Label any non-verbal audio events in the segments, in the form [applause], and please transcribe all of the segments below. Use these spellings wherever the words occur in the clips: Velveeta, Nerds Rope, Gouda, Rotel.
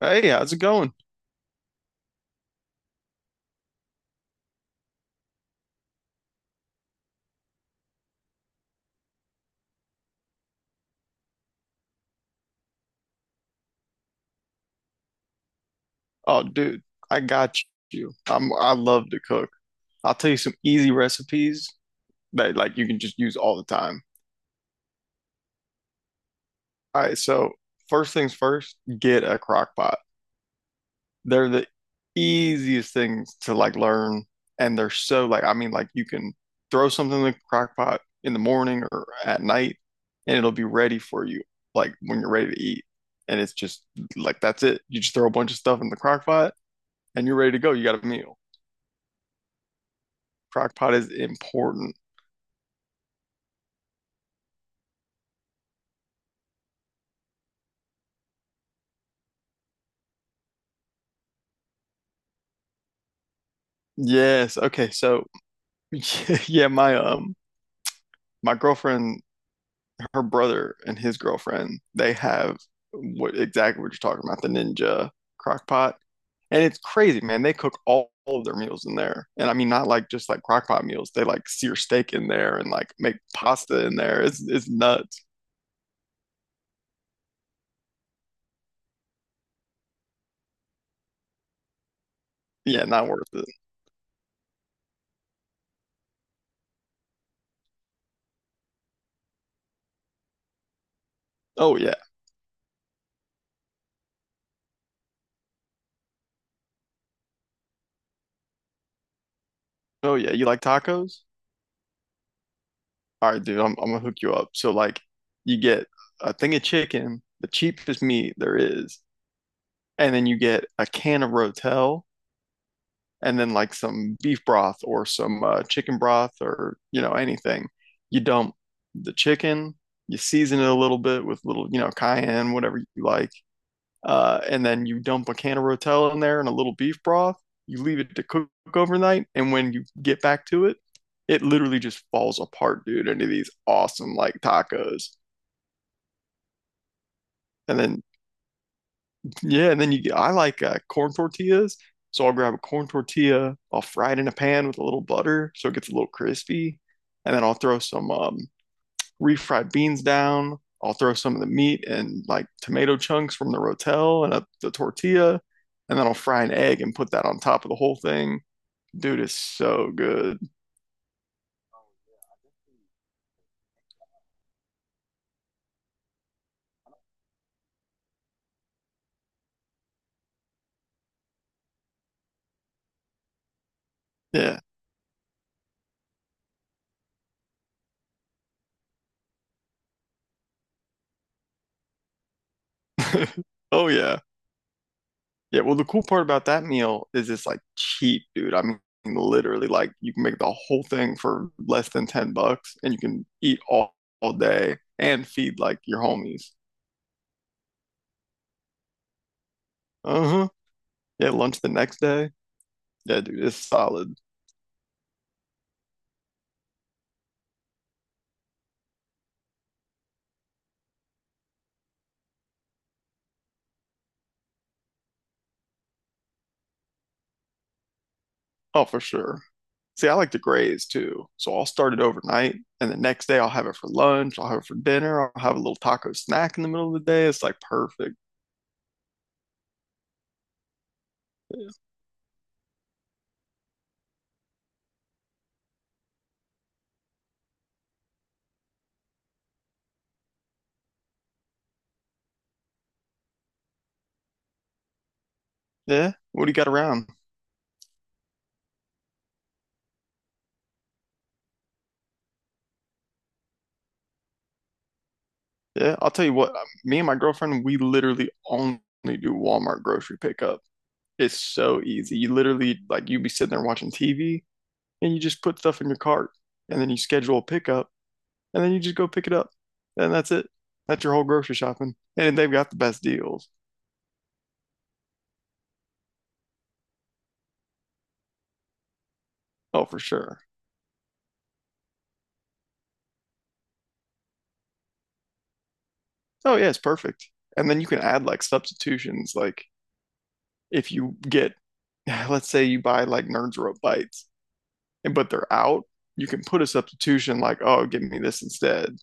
Hey, how's it going? Oh, dude, I got you. I love to cook. I'll tell you some easy recipes that like you can just use all the time. All right, so first things first, get a crock pot. They're the easiest things to like learn and they're so like I mean like you can throw something in the crock pot in the morning or at night and it'll be ready for you like when you're ready to eat. And it's just like that's it. You just throw a bunch of stuff in the crock pot and you're ready to go. You got a meal. Crock pot is important. Yes. Okay. So [laughs] yeah, my girlfriend, her brother and his girlfriend, they have what exactly what you're talking about, the Ninja crock pot. And it's crazy, man. They cook all of their meals in there. And I mean not like just like crock pot meals. They like sear steak in there and like make pasta in there. It's nuts. Yeah, not worth it. Oh yeah. Oh yeah. You like tacos? All right, dude, I'm gonna hook you up. So like you get a thing of chicken, the cheapest meat there is, and then you get a can of Rotel and then like some beef broth or some chicken broth or you know anything. You dump the chicken, you season it a little bit with little, you know, cayenne, whatever you like and then you dump a can of Rotel in there and a little beef broth. You leave it to cook overnight, and when you get back to it, it literally just falls apart, dude, into these awesome like tacos. And then yeah, and then you get I like corn tortillas, so I'll grab a corn tortilla, I'll fry it in a pan with a little butter so it gets a little crispy, and then I'll throw some refried beans down. I'll throw some of the meat and like tomato chunks from the rotel and a, the tortilla, and then I'll fry an egg and put that on top of the whole thing. Dude, it's so good. Yeah. [laughs] Oh yeah. Yeah, well the cool part about that meal is it's like cheap, dude. I mean literally like you can make the whole thing for less than 10 bucks and you can eat all day and feed like your homies. Uh-huh. Yeah, lunch the next day. Yeah, dude, it's solid. Oh, for sure. See, I like to graze too. So I'll start it overnight, and the next day I'll have it for lunch. I'll have it for dinner. I'll have a little taco snack in the middle of the day. It's like perfect. Yeah. What do you got around? Yeah. I'll tell you what, me and my girlfriend, we literally only do Walmart grocery pickup. It's so easy. You literally, like, you be sitting there watching TV and you just put stuff in your cart and then you schedule a pickup and then you just go pick it up. And that's it. That's your whole grocery shopping. And they've got the best deals. Oh, for sure. Oh yeah, it's perfect. And then you can add like substitutions, like if you get, [sighs] let's say you buy like Nerds Rope bites, and but they're out, you can put a substitution like, oh, give me this instead.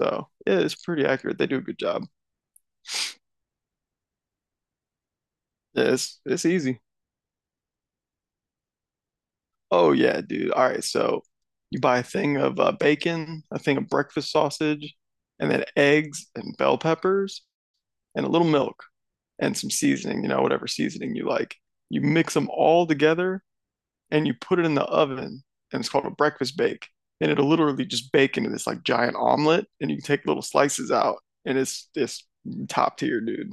So yeah, it's pretty accurate. They do a good job. Yeah, it's easy. Oh yeah, dude. All right, so you buy a thing of bacon, a thing of breakfast sausage, and then eggs and bell peppers and a little milk and some seasoning, you know, whatever seasoning you like. You mix them all together and you put it in the oven, and it's called a breakfast bake. And it'll literally just bake into this like giant omelet, and you can take little slices out, and it's top tier, dude.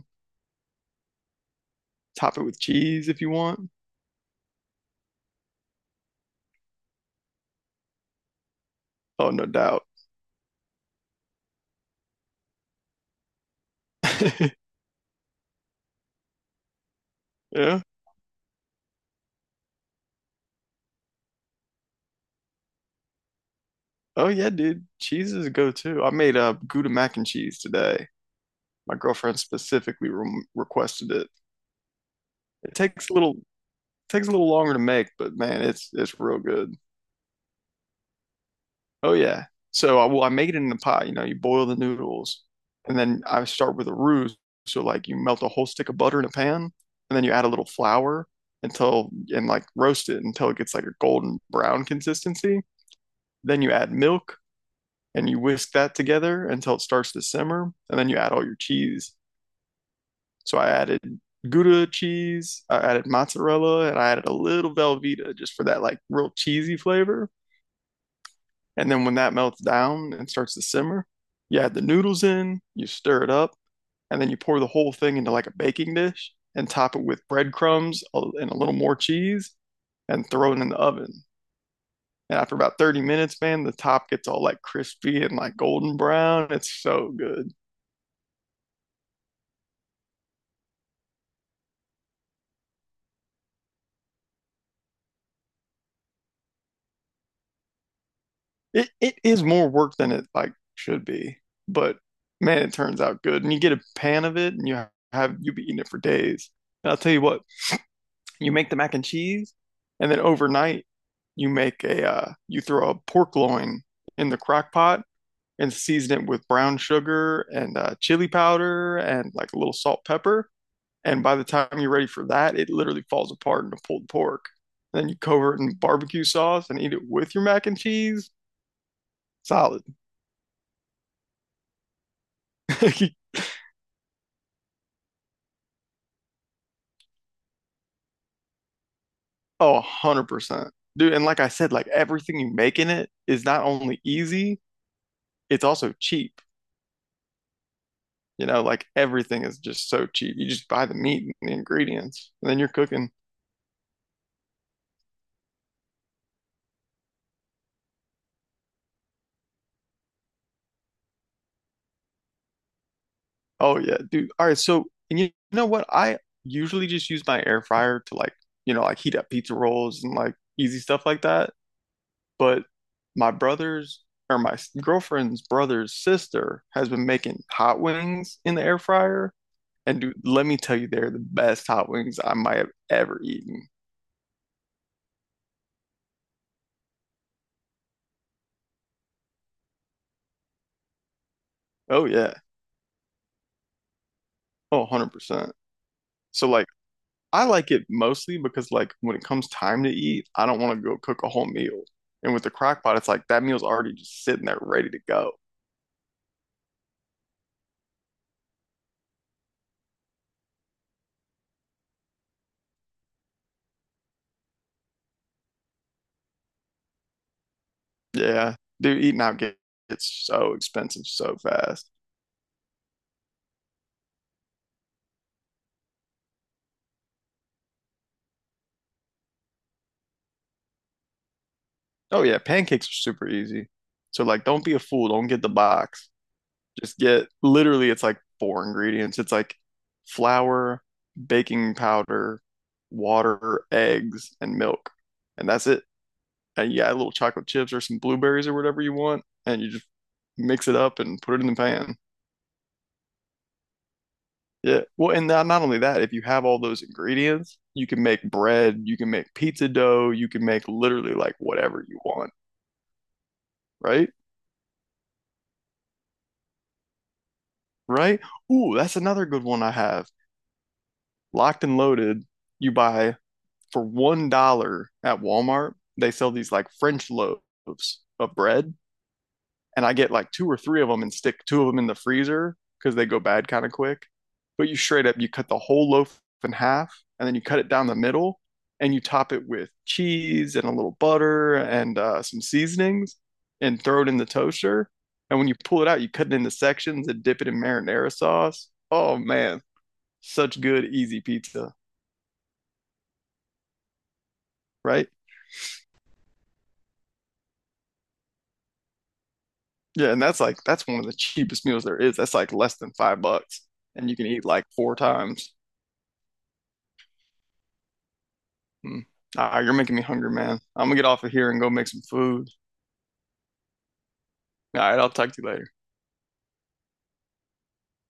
Top it with cheese if you want. Oh, no doubt. [laughs] Yeah. Oh yeah, dude. Cheese is a go-to. I made a Gouda mac and cheese today. My girlfriend specifically re requested it. It takes a little longer to make, but man, it's real good. Oh yeah. So I well, I make it in the pot. You know, you boil the noodles, and then I start with a roux. So like you melt a whole stick of butter in a pan, and then you add a little flour until and like roast it until it gets like a golden brown consistency. Then you add milk and you whisk that together until it starts to simmer, and then you add all your cheese. So I added Gouda cheese, I added mozzarella, and I added a little Velveeta just for that like real cheesy flavor. And then when that melts down and starts to simmer, you add the noodles in, you stir it up, and then you pour the whole thing into like a baking dish and top it with breadcrumbs and a little more cheese and throw it in the oven. And after about 30 minutes, man, the top gets all like crispy and like golden brown. It's so good. It is more work than it like should be, but man, it turns out good. And you get a pan of it and you have you be eating it for days. And I'll tell you what, you make the mac and cheese, and then overnight you make a you throw a pork loin in the crock pot and season it with brown sugar and chili powder and like a little salt pepper. And by the time you're ready for that, it literally falls apart into pulled pork. And then you cover it in barbecue sauce and eat it with your mac and cheese. Solid. [laughs] Oh, 100%. Dude, and like I said, like everything you make in it is not only easy, it's also cheap. You know, like everything is just so cheap. You just buy the meat and the ingredients, and then you're cooking. Oh yeah, dude. All right, so and you know what? I usually just use my air fryer to like, you know, like heat up pizza rolls and like easy stuff like that. But my brother's or my s- girlfriend's brother's sister has been making hot wings in the air fryer. And dude, let me tell you, they're the best hot wings I might have ever eaten. Oh yeah. Oh, 100%. So like I like it mostly because like when it comes time to eat, I don't want to go cook a whole meal. And with the crock pot, it's like that meal's already just sitting there ready to go. Yeah. Dude, gets so expensive so fast. Oh yeah, pancakes are super easy. So like don't be a fool, don't get the box. Just get literally it's like four ingredients. It's like flour, baking powder, water, eggs, and milk. And that's it. And you add little chocolate chips or some blueberries or whatever you want, and you just mix it up and put it in the pan. Yeah. Well, and not only that, if you have all those ingredients, you can make bread, you can make pizza dough, you can make literally like whatever you want, right? Right? Ooh, that's another good one I have. Locked and loaded, you buy for $1 at Walmart, they sell these like French loaves of bread and I get like two or three of them and stick two of them in the freezer because they go bad kind of quick. But you straight up, you cut the whole loaf in half and then you cut it down the middle and you top it with cheese and a little butter and some seasonings and throw it in the toaster. And when you pull it out, you cut it into sections and dip it in marinara sauce. Oh man, such good, easy pizza, right? Yeah, and that's like that's one of the cheapest meals there is. That's like less than 5 bucks, and you can eat like four times. Mm. All right, you're making me hungry, man. I'm gonna get off of here and go make some food. All right, I'll talk to you later.